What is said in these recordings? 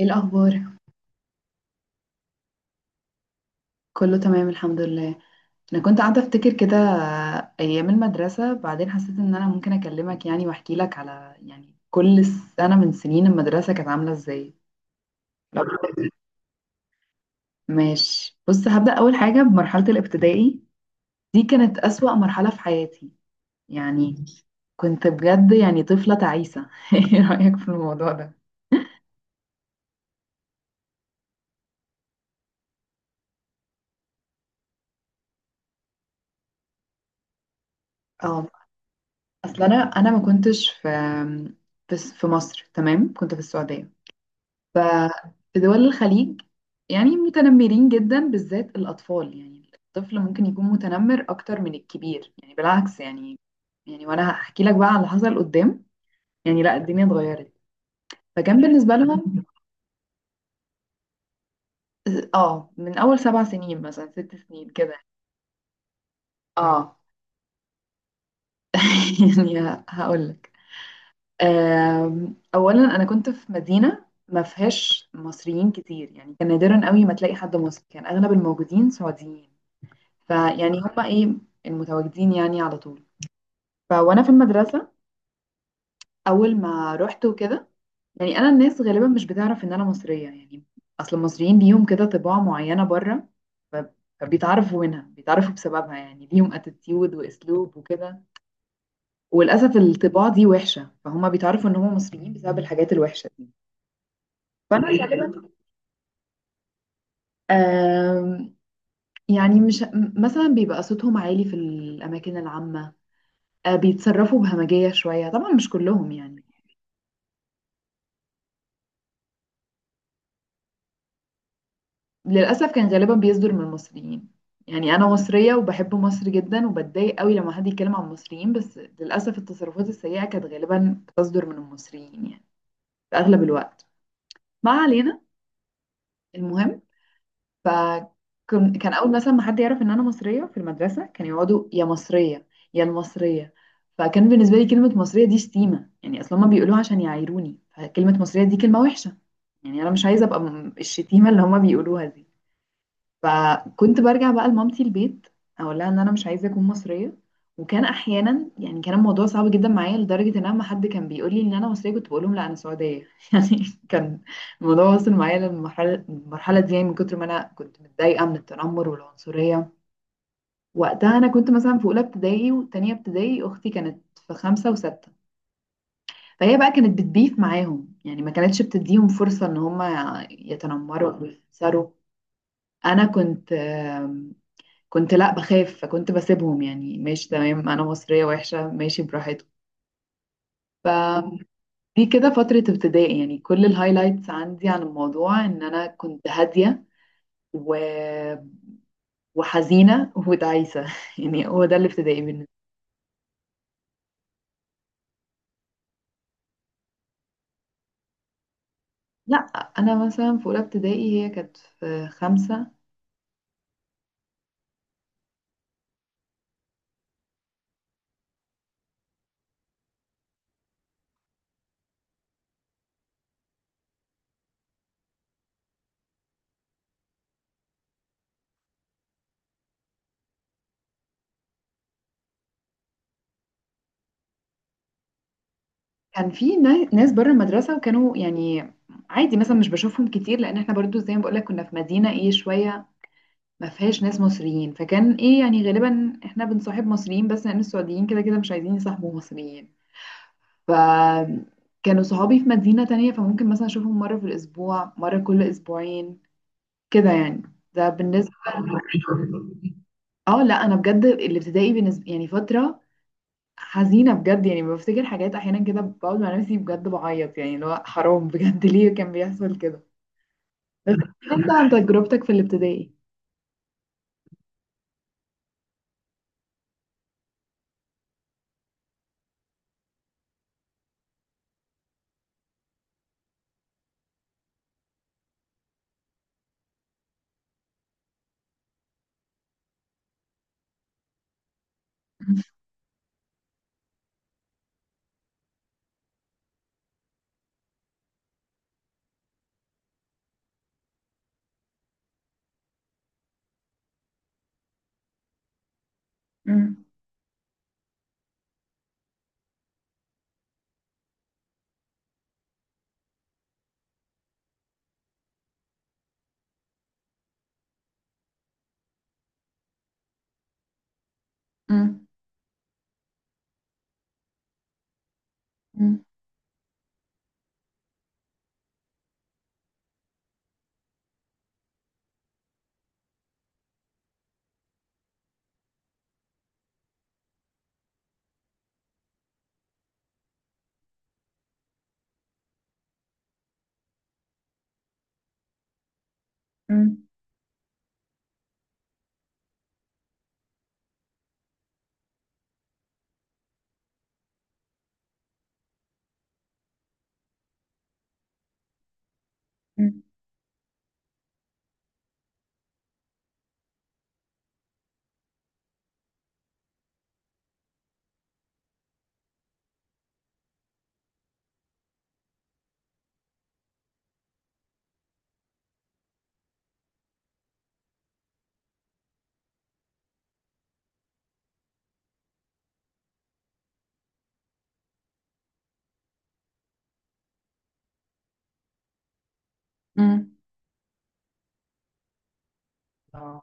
ايه الاخبار؟ كله تمام، الحمد لله. انا كنت قاعده افتكر كده ايام المدرسه، بعدين حسيت ان انا ممكن اكلمك يعني واحكي لك على يعني كل سنه من سنين المدرسه كانت عامله ازاي. لو- ماشي، بص، هبدا اول حاجه بمرحله الابتدائي. دي كانت اسوأ مرحله في حياتي. يعني كنت بجد يعني طفله تعيسه. ايه رايك في الموضوع ده؟ اه. اصل انا ما كنتش في في مصر، تمام، كنت في السعوديه. ففي دول الخليج يعني متنمرين جدا، بالذات الأطفال. يعني الطفل ممكن يكون متنمر أكتر من الكبير يعني بالعكس يعني. يعني وأنا هحكي لك بقى على اللي حصل قدام. يعني لا، الدنيا اتغيرت. فكان بالنسبة لهم، اه، من أول 7 سنين مثلا، 6 سنين كده. اه. يعني هقول لك. أولا أنا كنت في مدينة ما فيهاش مصريين كتير، يعني كان نادرا قوي ما تلاقي حد مصري، كان أغلب الموجودين سعوديين. فيعني هما ايه، المتواجدين يعني على طول. فوانا في المدرسة، اول ما رحت وكده، يعني انا الناس غالبا مش بتعرف ان انا مصرية يعني. اصل المصريين ليهم كده طباع معينة بره. ف- فبيتعرفوا هنا، بيتعرفوا بسببها. يعني ليهم اتيتيود واسلوب وكده، وللاسف الطباع دي وحشة، فهم بيتعرفوا ان هم مصريين بسبب الحاجات الوحشة دي. فانا غالبا آم، يعني مش مثلا بيبقى صوتهم عالي في الاماكن العامة. بيتصرفوا بهمجية شوية، طبعا مش كلهم يعني. للأسف كان غالبا بيصدر من المصريين. يعني أنا مصرية وبحب مصر جدا وبتضايق قوي لما حد يتكلم عن المصريين، بس للأسف التصرفات السيئة كانت غالبا بتصدر من المصريين يعني، في أغلب الوقت. ما علينا، المهم. ف كان أول مثلا ما حد يعرف إن أنا مصرية في المدرسة كانوا يقعدوا: يا مصرية، يا المصرية. فكان بالنسبة لي كلمة مصرية دي شتيمة يعني، أصلا ما بيقولوها عشان يعايروني، فكلمة مصرية دي كلمة وحشة. يعني أنا مش عايزة أبقى الشتيمة اللي هما بيقولوها دي. فكنت برجع بقى لمامتي البيت، اقول لها ان انا مش عايزه اكون مصريه. وكان احيانا يعني كان الموضوع صعب جدا معايا لدرجه ان اما حد كان بيقول لي ان انا مصريه كنت بقول لهم لا، انا سعوديه. يعني كان الموضوع وصل معايا للمرحله دي، يعني من كتر ما انا كنت متضايقه من التنمر والعنصريه. وقتها انا كنت مثلا في اولى ابتدائي وتانية ابتدائي، اختي كانت في خمسه وسته، فهي بقى كانت بتبيف معاهم. يعني ما كانتش بتديهم فرصه ان هم يتنمروا او يخسروا. انا كنت كنت لا بخاف، فكنت بسيبهم. يعني ماشي، تمام، انا مصرية وحشة، ماشي براحتهم. فدي كده فترة ابتدائي يعني. كل الهايلايتس عندي عن الموضوع ان انا كنت هادية و... وحزينة وتعيسة. يعني هو ده الابتدائي بالنسبة لي. لا، انا مثلا في اولى ابتدائي هي كانت في خمسة. كان في ناس بره المدرسة، وكانوا يعني عادي، مثلا مش بشوفهم كتير، لان احنا برضو زي ما بقولك كنا في مدينة ايه شوية ما فيهاش ناس مصريين، فكان ايه يعني غالبا احنا بنصاحب مصريين بس لان السعوديين كده كده مش عايزين يصاحبوا مصريين. فكانوا صحابي في مدينة تانية، فممكن مثلا اشوفهم مرة في الاسبوع، مرة كل اسبوعين كده يعني. ده بالنسبة. اه، لا، انا بجد الابتدائي بالنسبة يعني فترة حزينة بجد. يعني بفتكر حاجات احيانا كده بقعد مع نفسي بجد بعيط، يعني اللي هو حرام بجد. ليه كان بيحصل كده؟ انت عن تجربتك في الابتدائي؟ امم. امم. امم. امم. اه.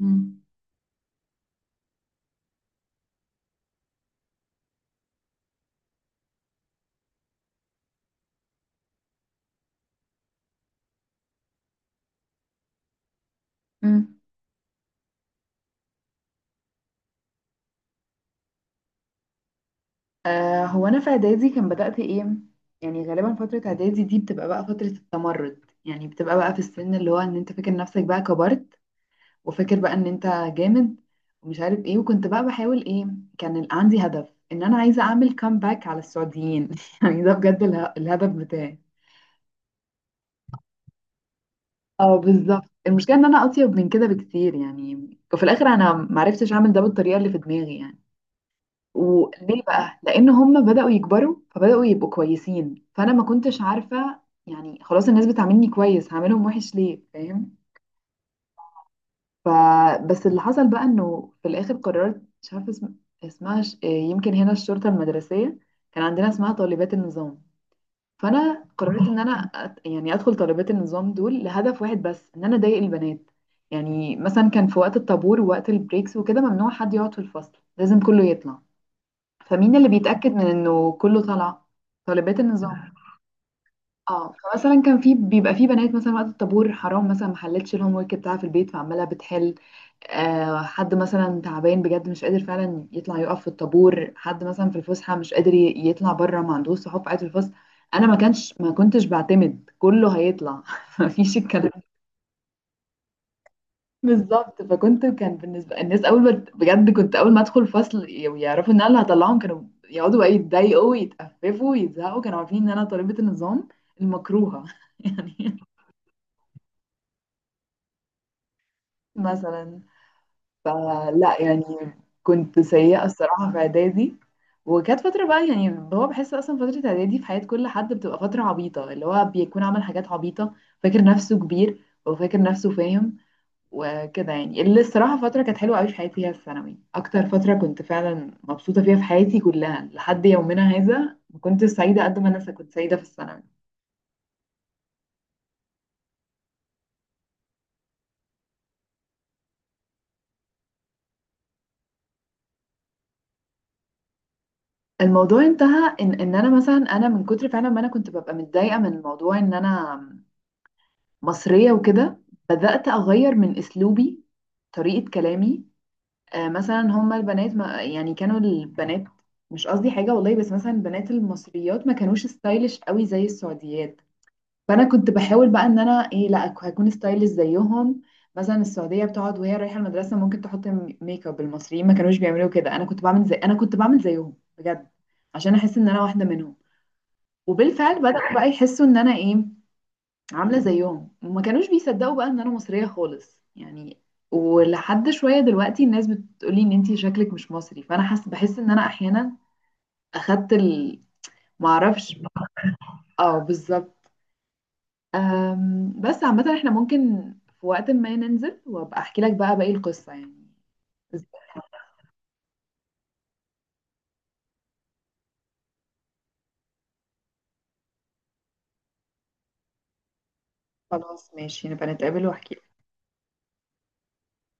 مم. مم. هو انا في اعدادي كان بدأت ايه، يعني غالبا فترة اعدادي دي بتبقى بقى فترة التمرد. يعني بتبقى بقى في السن اللي هو ان انت فاكر نفسك بقى كبرت، وفاكر بقى ان انت جامد ومش عارف ايه. وكنت بقى بحاول ايه، كان عندي هدف ان انا عايزة اعمل كامباك على السعوديين. يعني ده بجد الهدف بتاعي. اه بالظبط، المشكلة ان انا اطيب من كده بكتير يعني. وفي الاخر انا معرفتش اعمل ده بالطريقة اللي في دماغي يعني. وليه بقى؟ لان هم بداوا يكبروا فبداوا يبقوا كويسين، فانا ما كنتش عارفه. يعني خلاص الناس بتعاملني كويس، هعملهم وحش ليه؟ فاهم؟ فبس اللي حصل بقى انه في الاخر قررت، مش عارفه اسمها يمكن هنا الشرطه المدرسيه، كان عندنا اسمها طالبات النظام. فانا قررت ان انا يعني ادخل طالبات النظام دول لهدف واحد بس، ان انا اضايق البنات. يعني مثلا كان في وقت الطابور ووقت البريكس وكده ممنوع حد يقعد في الفصل، لازم كله يطلع. فمين اللي بيتأكد من انه كله طالع؟ طالبات النظام. اه، فمثلا كان بيبقى في بنات، مثلا وقت الطابور حرام، مثلا ما حلتش الهوم ورك بتاعها في البيت فعماله بتحل، حد مثلا تعبان بجد مش قادر فعلا يطلع يقف في الطابور، حد مثلا في الفسحه مش قادر يطلع بره ما عندوش صحاب قاعد في الفصل. انا ما كنتش بعتمد كله هيطلع. مفيش الكلام. بالظبط. فكنت، كان بالنسبه الناس اول ما بجد، كنت اول ما ادخل الفصل ويعرفوا ان انا اللي هطلعهم، كانوا يقعدوا بقى يتضايقوا ويتقففوا ويزهقوا. كانوا عارفين ان انا طالبه النظام المكروهه. يعني مثلا. فلا يعني كنت سيئه الصراحه في اعدادي. وكانت فتره بقى، يعني هو بحس اصلا فتره اعدادي في حياه كل حد بتبقى فتره عبيطه، اللي هو بيكون عمل حاجات عبيطه، فاكر نفسه كبير وفاكر نفسه فاهم وكده يعني. اللي الصراحة فترة كانت حلوة قوي في حياتي هي الثانوي، أكتر فترة كنت فعلا مبسوطة فيها في حياتي كلها لحد يومنا هذا. ما كنت سعيدة قد ما أنا كنت سعيدة في الثانوي. الموضوع انتهى إن أنا، مثلا أنا من كتر فعلا ما أنا كنت ببقى متضايقة من موضوع إن أنا مصرية وكده، بدأت أغير من أسلوبي، طريقة كلامي. مثلا هما البنات، ما يعني، كانوا البنات، مش قصدي حاجة والله، بس مثلا البنات المصريات ما كانوش ستايلش قوي زي السعوديات. فانا كنت بحاول بقى ان انا ايه، لا هكون ستايلش زيهم. مثلا السعوديه بتقعد وهي رايحه المدرسه ممكن تحط ميك اب، المصريين ما كانوش بيعملوا كده. انا كنت بعمل زيهم بجد عشان احس ان انا واحده منهم. وبالفعل بداوا بقى يحسوا ان انا ايه، عامله زيهم، وما كانوش بيصدقوا بقى ان انا مصريه خالص يعني. ولحد شويه دلوقتي الناس بتقولي ان انتي شكلك مش مصري، فانا بحس ان انا احيانا اخدت معرفش. اه بالظبط. بس عامة احنا ممكن في وقت ما ننزل وابقى احكي لك بقى باقي القصة يعني. خلاص، ماشي، نبقى نتقابل واحكي.